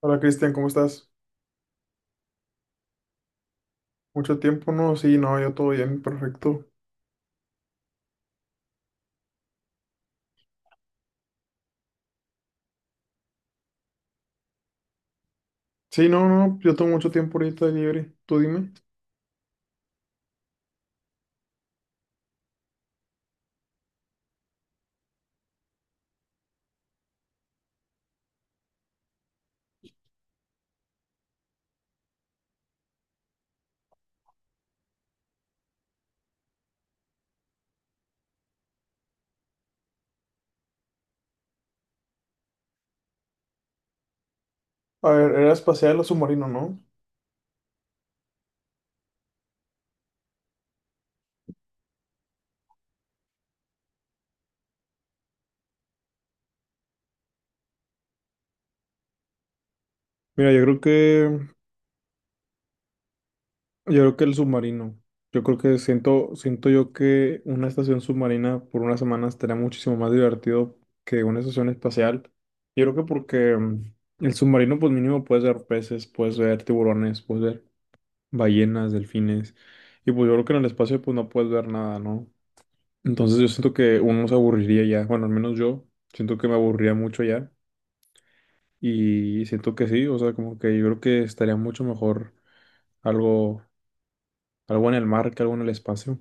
Hola, Cristian, ¿cómo estás? ¿Mucho tiempo? No, sí, no, yo todo bien, perfecto. Sí, no, no, yo tengo mucho tiempo ahorita libre. Tú dime. A ver, ¿era espacial o submarino, no? Mira, yo creo que el submarino. Yo creo que... siento yo que una estación submarina por unas semanas estaría muchísimo más divertido que una estación espacial. Yo creo que porque el submarino, pues mínimo puedes ver peces, puedes ver tiburones, puedes ver ballenas, delfines. Y pues yo creo que en el espacio pues no puedes ver nada, ¿no? Entonces yo siento que uno se aburriría ya, bueno, al menos yo siento que me aburría mucho ya, y siento que sí, o sea, como que yo creo que estaría mucho mejor algo, algo en el mar que algo en el espacio.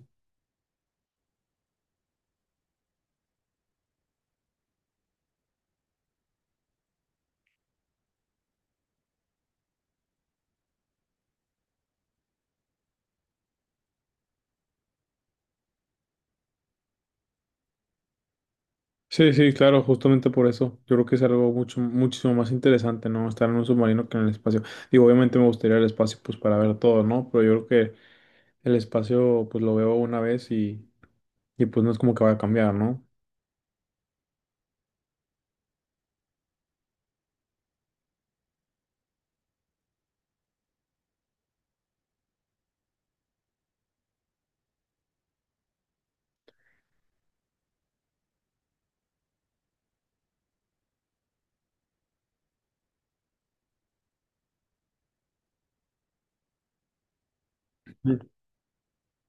Sí, sí, claro, justamente por eso. Yo creo que es algo mucho, muchísimo más interesante, ¿no? Estar en un submarino que en el espacio. Digo, obviamente me gustaría el espacio, pues, para ver todo, ¿no? Pero yo creo que el espacio, pues, lo veo una vez y pues no es como que vaya a cambiar, ¿no?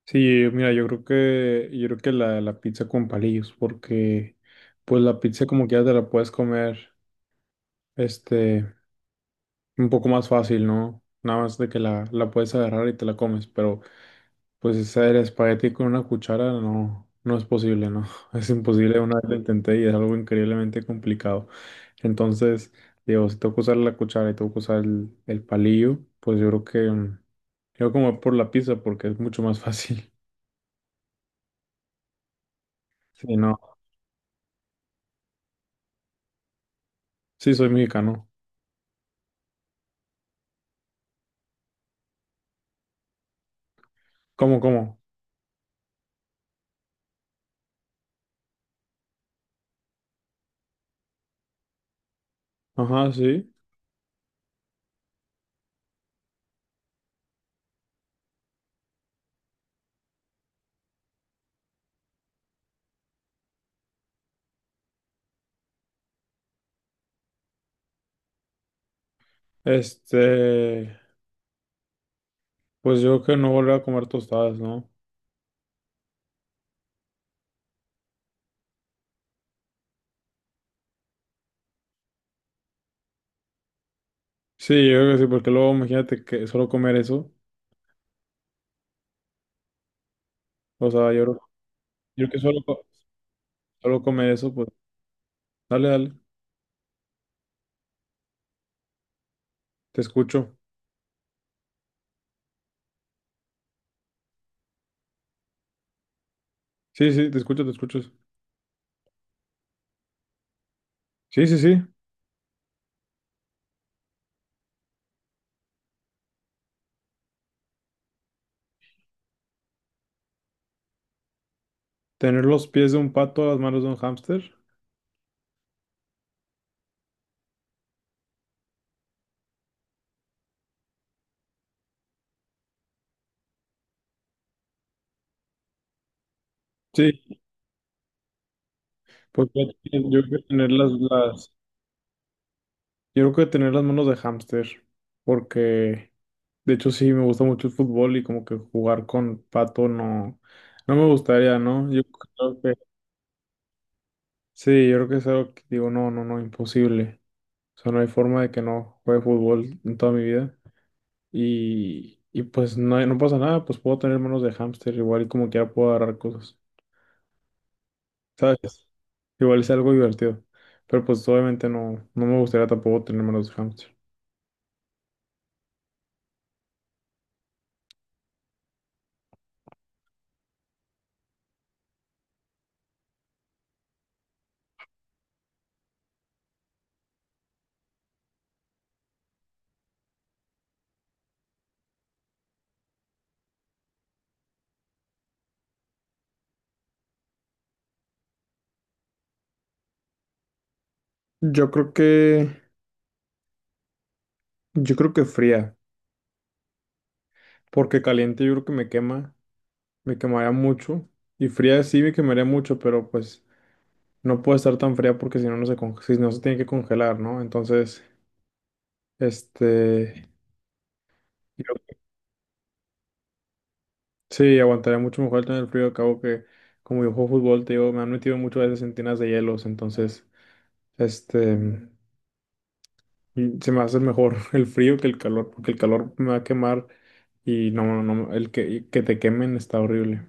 Sí, mira, yo creo que la pizza con palillos, porque pues la pizza como que ya te la puedes comer, este, un poco más fácil, ¿no? Nada más de que la puedes agarrar y te la comes, pero pues hacer espagueti con una cuchara no, no es posible, ¿no? Es imposible, una vez lo intenté y es algo increíblemente complicado. Entonces, digo, si tengo que usar la cuchara y tengo que usar el palillo, pues yo creo que yo como por la pizza porque es mucho más fácil. Sí, no, sí soy mexicano. ¿Cómo, cómo? Ajá, sí. Este, pues yo creo que no volver a comer tostadas, ¿no? Sí, yo creo que sí, porque luego imagínate que solo comer eso, o sea, creo... yo creo que solo, co- solo comer eso, pues... Dale, dale, te escucho. Sí, sí, te escucho, te escucho. Sí, sí, sí. Tener los pies de un pato, las manos de un hámster. Sí, pues yo creo que tener yo creo que tener las manos de hámster, porque... De hecho, sí, me gusta mucho el fútbol y como que jugar con pato no, no me gustaría, ¿no? Yo creo que, sí, yo creo que es algo que digo, no, no, no, imposible. O sea, no hay forma de que no juegue fútbol en toda mi vida. Y pues no, hay- no pasa nada, pues puedo tener manos de hámster, igual y como quiera puedo agarrar cosas, ¿sabes? Igual es algo divertido. Pero pues obviamente no, no me gustaría tampoco tener manos de hámster. Yo creo que, yo creo que fría, porque caliente yo creo que me quema, me quemaría mucho. Y fría sí me quemaría mucho, pero pues no puede estar tan fría porque si no, no se conge- si no se tiene que congelar, ¿no? Entonces, este, yo- sí, aguantaría mucho mejor el tener frío. Acabo que, como yo juego fútbol, te digo, me han metido muchas veces en tinas de hielos, entonces, este, y se me hace mejor el frío que el calor, porque el calor me va a quemar y no, no, no, el que, y que te quemen está horrible.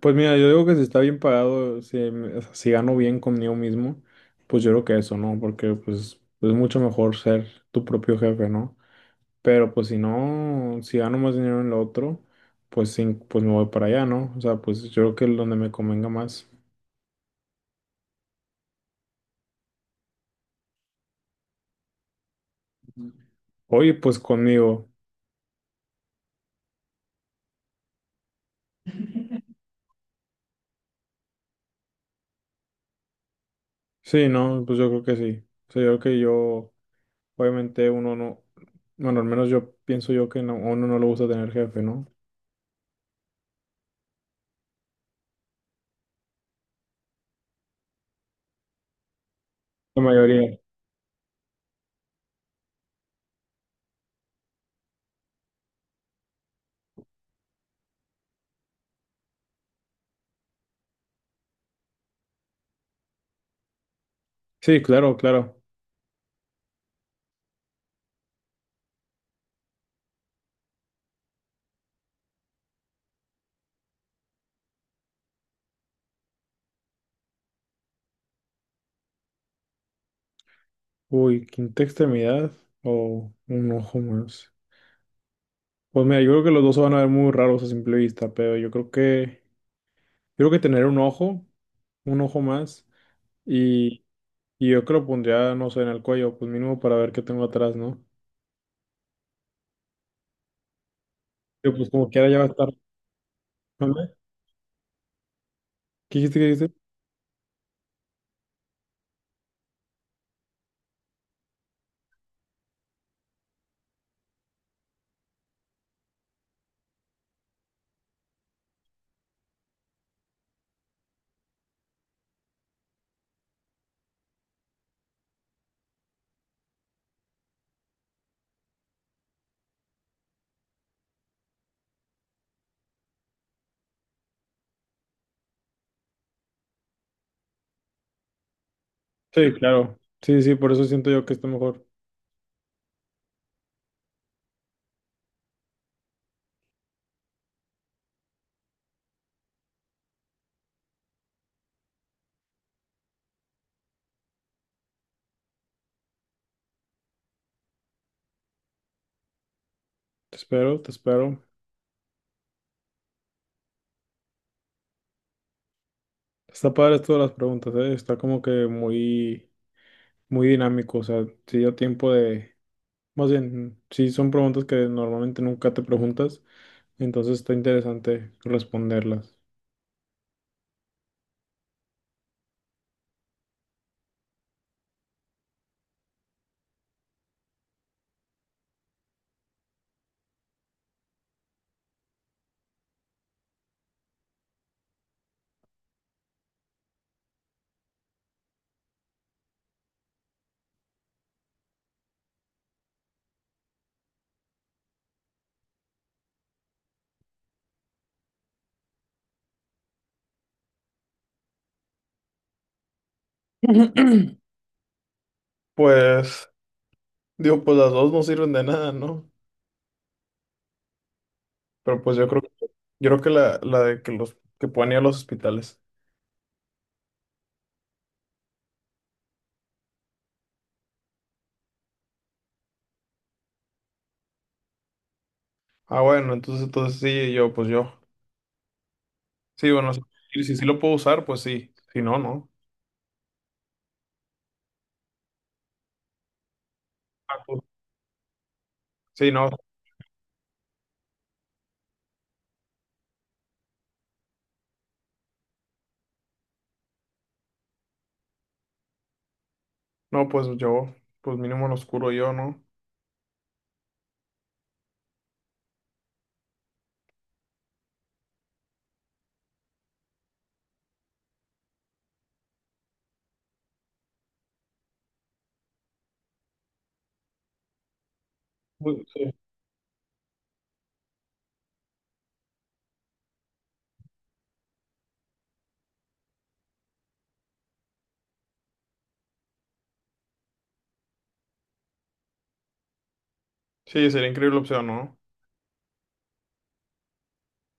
Pues mira, yo digo que si está bien pagado, si, me- o sea, si gano bien conmigo mismo, pues yo creo que eso, ¿no? Porque pues es mucho mejor ser tu propio jefe, ¿no? Pero pues si no, si gano más dinero en lo otro, pues sí, pues me voy para allá, ¿no? O sea, pues yo creo que es donde me convenga más. Oye, pues conmigo. Sí, no, pues yo creo que sí. O sea, yo creo que yo, obviamente uno no, bueno, al menos yo pienso yo que no, a uno no le gusta tener jefe, ¿no? La mayoría. Sí, claro, claro. Uy, quinta extremidad o un ojo más. Pues mira, yo creo que los dos se van a ver muy raros a simple vista, pero yo creo que tener un ojo más, y, y yo que lo pondría, no sé, en el cuello, pues mínimo para ver qué tengo atrás, ¿no? Pero pues como quiera ya va a estar. ¿Mande? ¿Qué dijiste? ¿Qué dijiste? Sí, claro. Sí, sí, por eso siento yo que está mejor. Te espero, te espero. Está padre esto de las preguntas, ¿eh? Está como que muy, muy dinámico, o sea, te dio tiempo de... Más bien, sí, son preguntas que normalmente nunca te preguntas, entonces está interesante responderlas. Pues, digo, pues las dos no sirven de nada, ¿no? Pero pues yo creo que la de que los que puedan ir a los hospitales. Ah, bueno, entonces, entonces sí, yo, pues yo. Sí, bueno, sí, si, si, sí lo puedo usar, pues sí. Si no, no. Ah, pues, sí, no, no, pues yo, pues mínimo los curo yo, ¿no? Pues, sí. Sí, sería increíble opción, ¿no?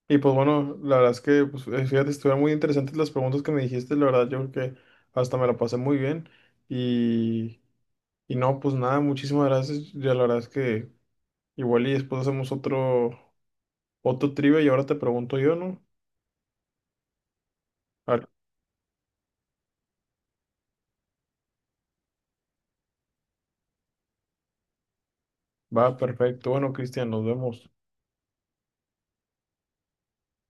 Y pues bueno, la verdad es que, pues, fíjate, estuvieron muy interesantes las preguntas que me dijiste, la verdad yo creo que hasta me la pasé muy bien. Y, y no, pues nada, muchísimas gracias. Ya la verdad es que igual y después hacemos otro, otro trivia y ahora te pregunto yo, ¿no? Ah, va, perfecto. Bueno, Cristian, nos vemos.